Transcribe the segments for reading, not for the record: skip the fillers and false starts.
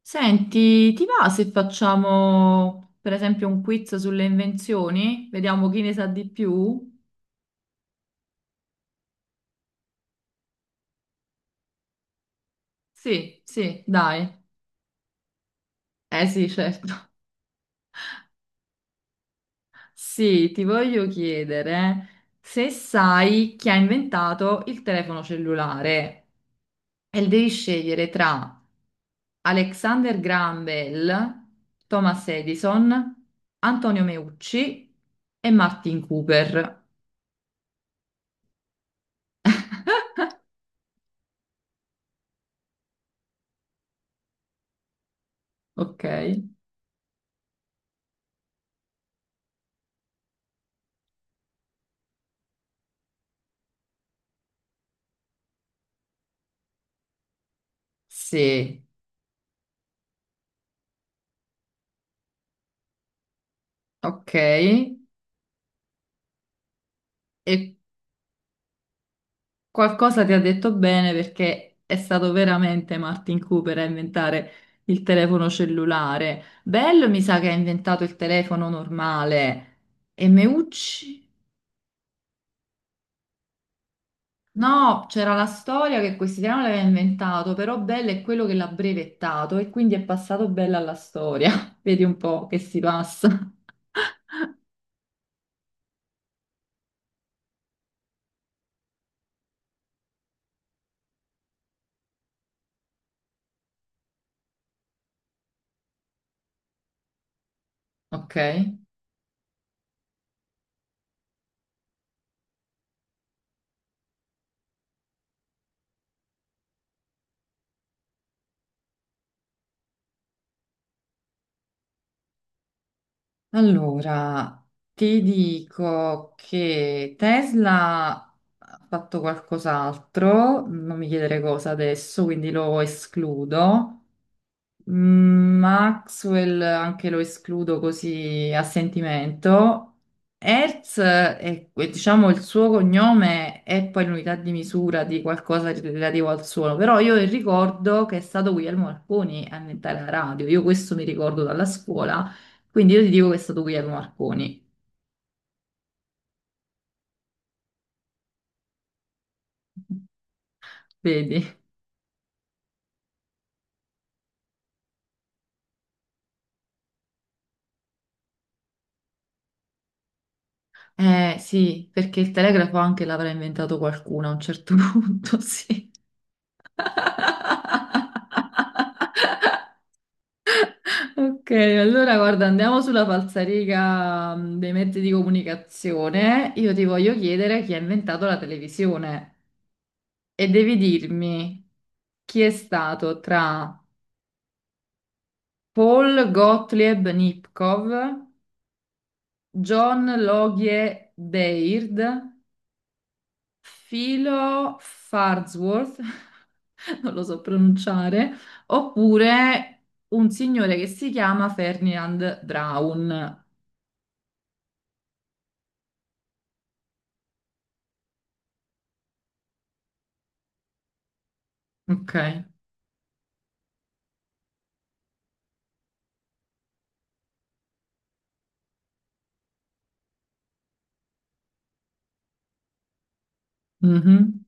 Senti, ti va se facciamo per esempio un quiz sulle invenzioni? Vediamo chi ne sa di più? Sì, sì, dai. Eh sì, certo. Sì, ti voglio chiedere se sai chi ha inventato il telefono cellulare e devi scegliere tra Alexander Graham Bell, Thomas Edison, Antonio Meucci e Martin Cooper. Ok? Sì. Ok, e qualcosa ti ha detto bene perché è stato veramente Martin Cooper a inventare il telefono cellulare. Bello mi sa che ha inventato il telefono normale. E Meucci? No, c'era la storia che quest'italiano l'aveva inventato, però Bell è quello che l'ha brevettato e quindi è passato Bell alla storia. Vedi un po' che si passa. Ok. Allora, ti dico che Tesla ha fatto qualcos'altro, non mi chiedere cosa adesso, quindi lo escludo. Mm, Maxwell anche lo escludo così a sentimento. Hertz diciamo, il suo cognome è poi l'unità di misura di qualcosa di- relativo al suono, però io ricordo che è stato Guglielmo Marconi a inventare la radio, io questo mi ricordo dalla scuola, quindi io ti dico che è stato Guglielmo Marconi, vedi? Eh sì, perché il telegrafo anche l'avrà inventato qualcuno a un certo punto, sì. Ok, allora guarda, andiamo sulla falsariga dei mezzi di comunicazione. Io ti voglio chiedere chi ha inventato la televisione e devi dirmi chi è stato tra Paul Gottlieb Nipkow, John Logie Baird, Philo Farnsworth, non lo so pronunciare, oppure un signore che si chiama Ferdinand Braun. Ok. Mhm.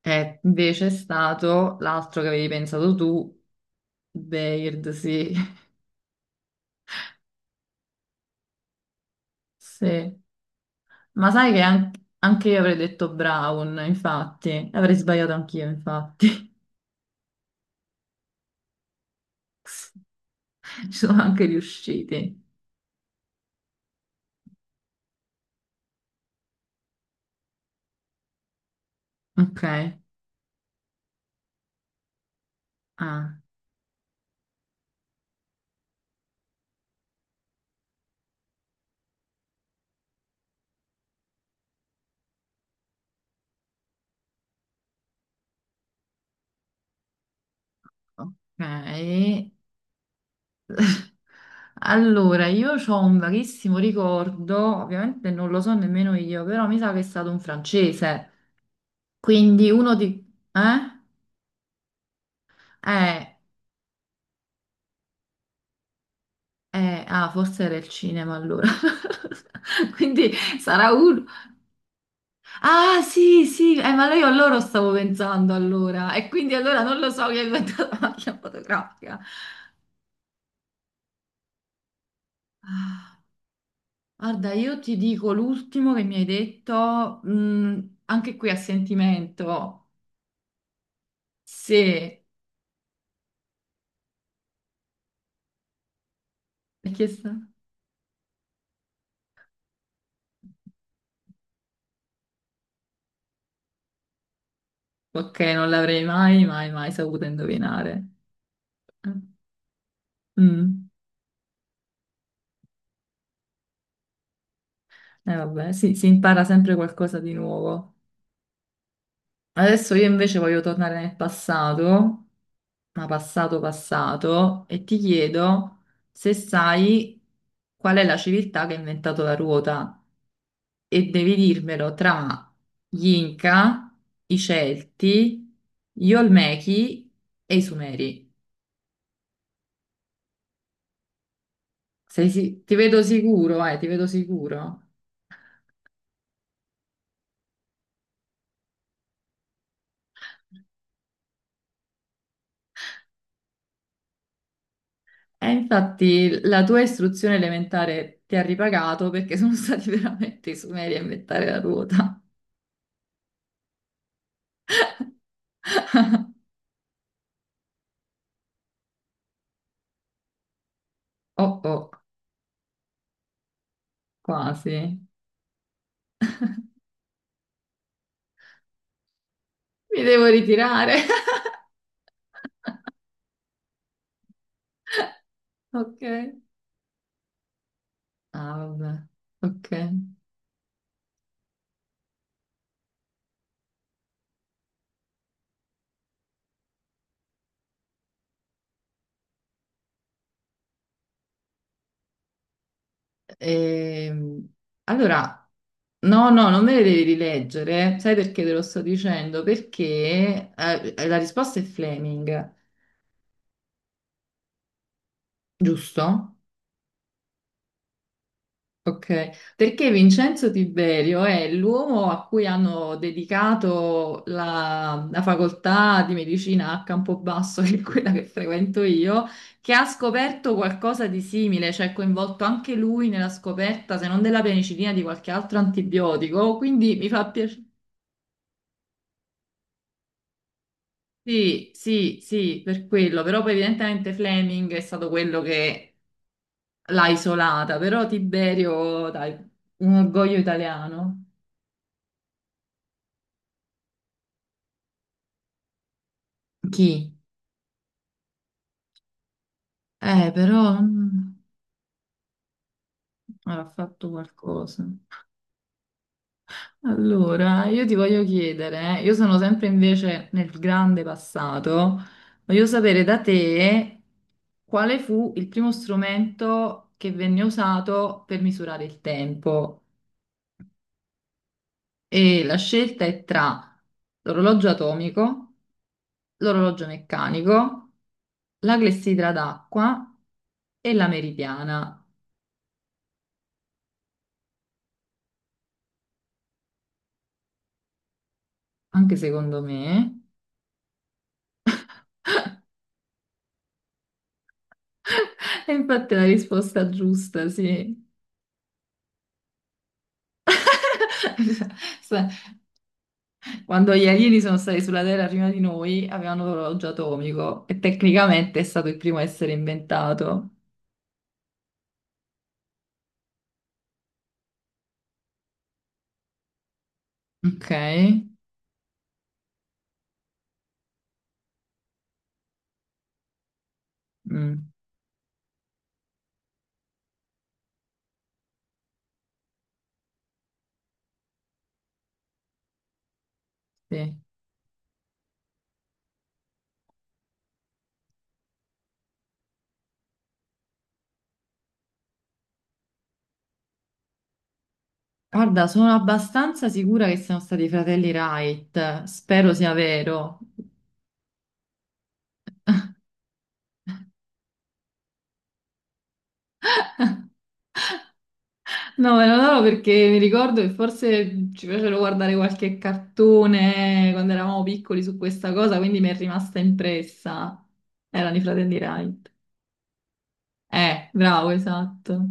È invece stato l'altro che avevi pensato tu, Baird, sì. Sì. Ma sai che an- anche io avrei detto Brown, infatti. Avrei sbagliato anch'io, infatti. Ci sono anche riusciti. Ok. Ah, ok. Allora, io ho un vaghissimo ricordo, ovviamente non lo so nemmeno io, però mi sa che è stato un francese. Quindi uno di... Eh? Eh, Eh, ah, forse era il cinema allora. Quindi sarà uno. Ah, sì, sì, ma io a loro stavo pensando allora. E quindi allora non lo so che è inventato la macchina fotografica. Ah, guarda, io ti dico l'ultimo che mi hai detto, mm, anche qui a sentimento. Se... Perché sta? Ok, non l'avrei mai, mai, mai saputo indovinare. Mm. Vabbè, sì, si impara sempre qualcosa di nuovo. Adesso io invece voglio tornare nel passato, ma passato passato, e ti chiedo se sai qual è la civiltà che ha inventato la ruota e devi dirmelo tra gli Inca, i Celti, gli Olmechi e i Sumeri. Sei si- ti vedo sicuro, ti vedo sicuro. E infatti la tua istruzione elementare ti ha ripagato perché sono stati veramente i Sumeri a inventare la ruota. Oh oh. Quasi. Mi devo ritirare. Ok. Ah, vabbè. Ok. Ehm, allora, no, no, non me le devi rileggere. Sai perché te lo sto dicendo? Perché la risposta è Fleming, giusto? Ok, perché Vincenzo Tiberio è l'uomo a cui hanno dedicato la facoltà di medicina a Campobasso, che è quella che frequento io, che ha scoperto qualcosa di simile, cioè è coinvolto anche lui nella scoperta, se non della penicillina, di qualche altro antibiotico. Quindi mi fa piacere. Sì, sì, sì, per quello, però poi evidentemente Fleming è stato quello che l'ha isolata, però Tiberio, dai, un orgoglio italiano. Chi? Però avrà fatto qualcosa. Allora, io ti voglio chiedere, io sono sempre invece nel grande passato, voglio sapere da te quale fu il primo strumento che venne usato per misurare il tempo. E la scelta è tra l'orologio atomico, l'orologio meccanico, la clessidra d'acqua e la meridiana, anche secondo me. E infatti è la risposta giusta, sì. Sa- quando gli alieni sono stati sulla Terra prima di noi, avevano l'orologio atomico e tecnicamente è stato il primo a essere inventato. Ok? Mm, sì. Guarda, sono abbastanza sicura che siano stati i fratelli Wright. Spero sia vero. No, me lo do perché mi ricordo che forse ci facevano guardare qualche cartone quando eravamo piccoli su questa cosa, quindi mi è rimasta impressa. Erano i fratelli Wright. Bravo, esatto.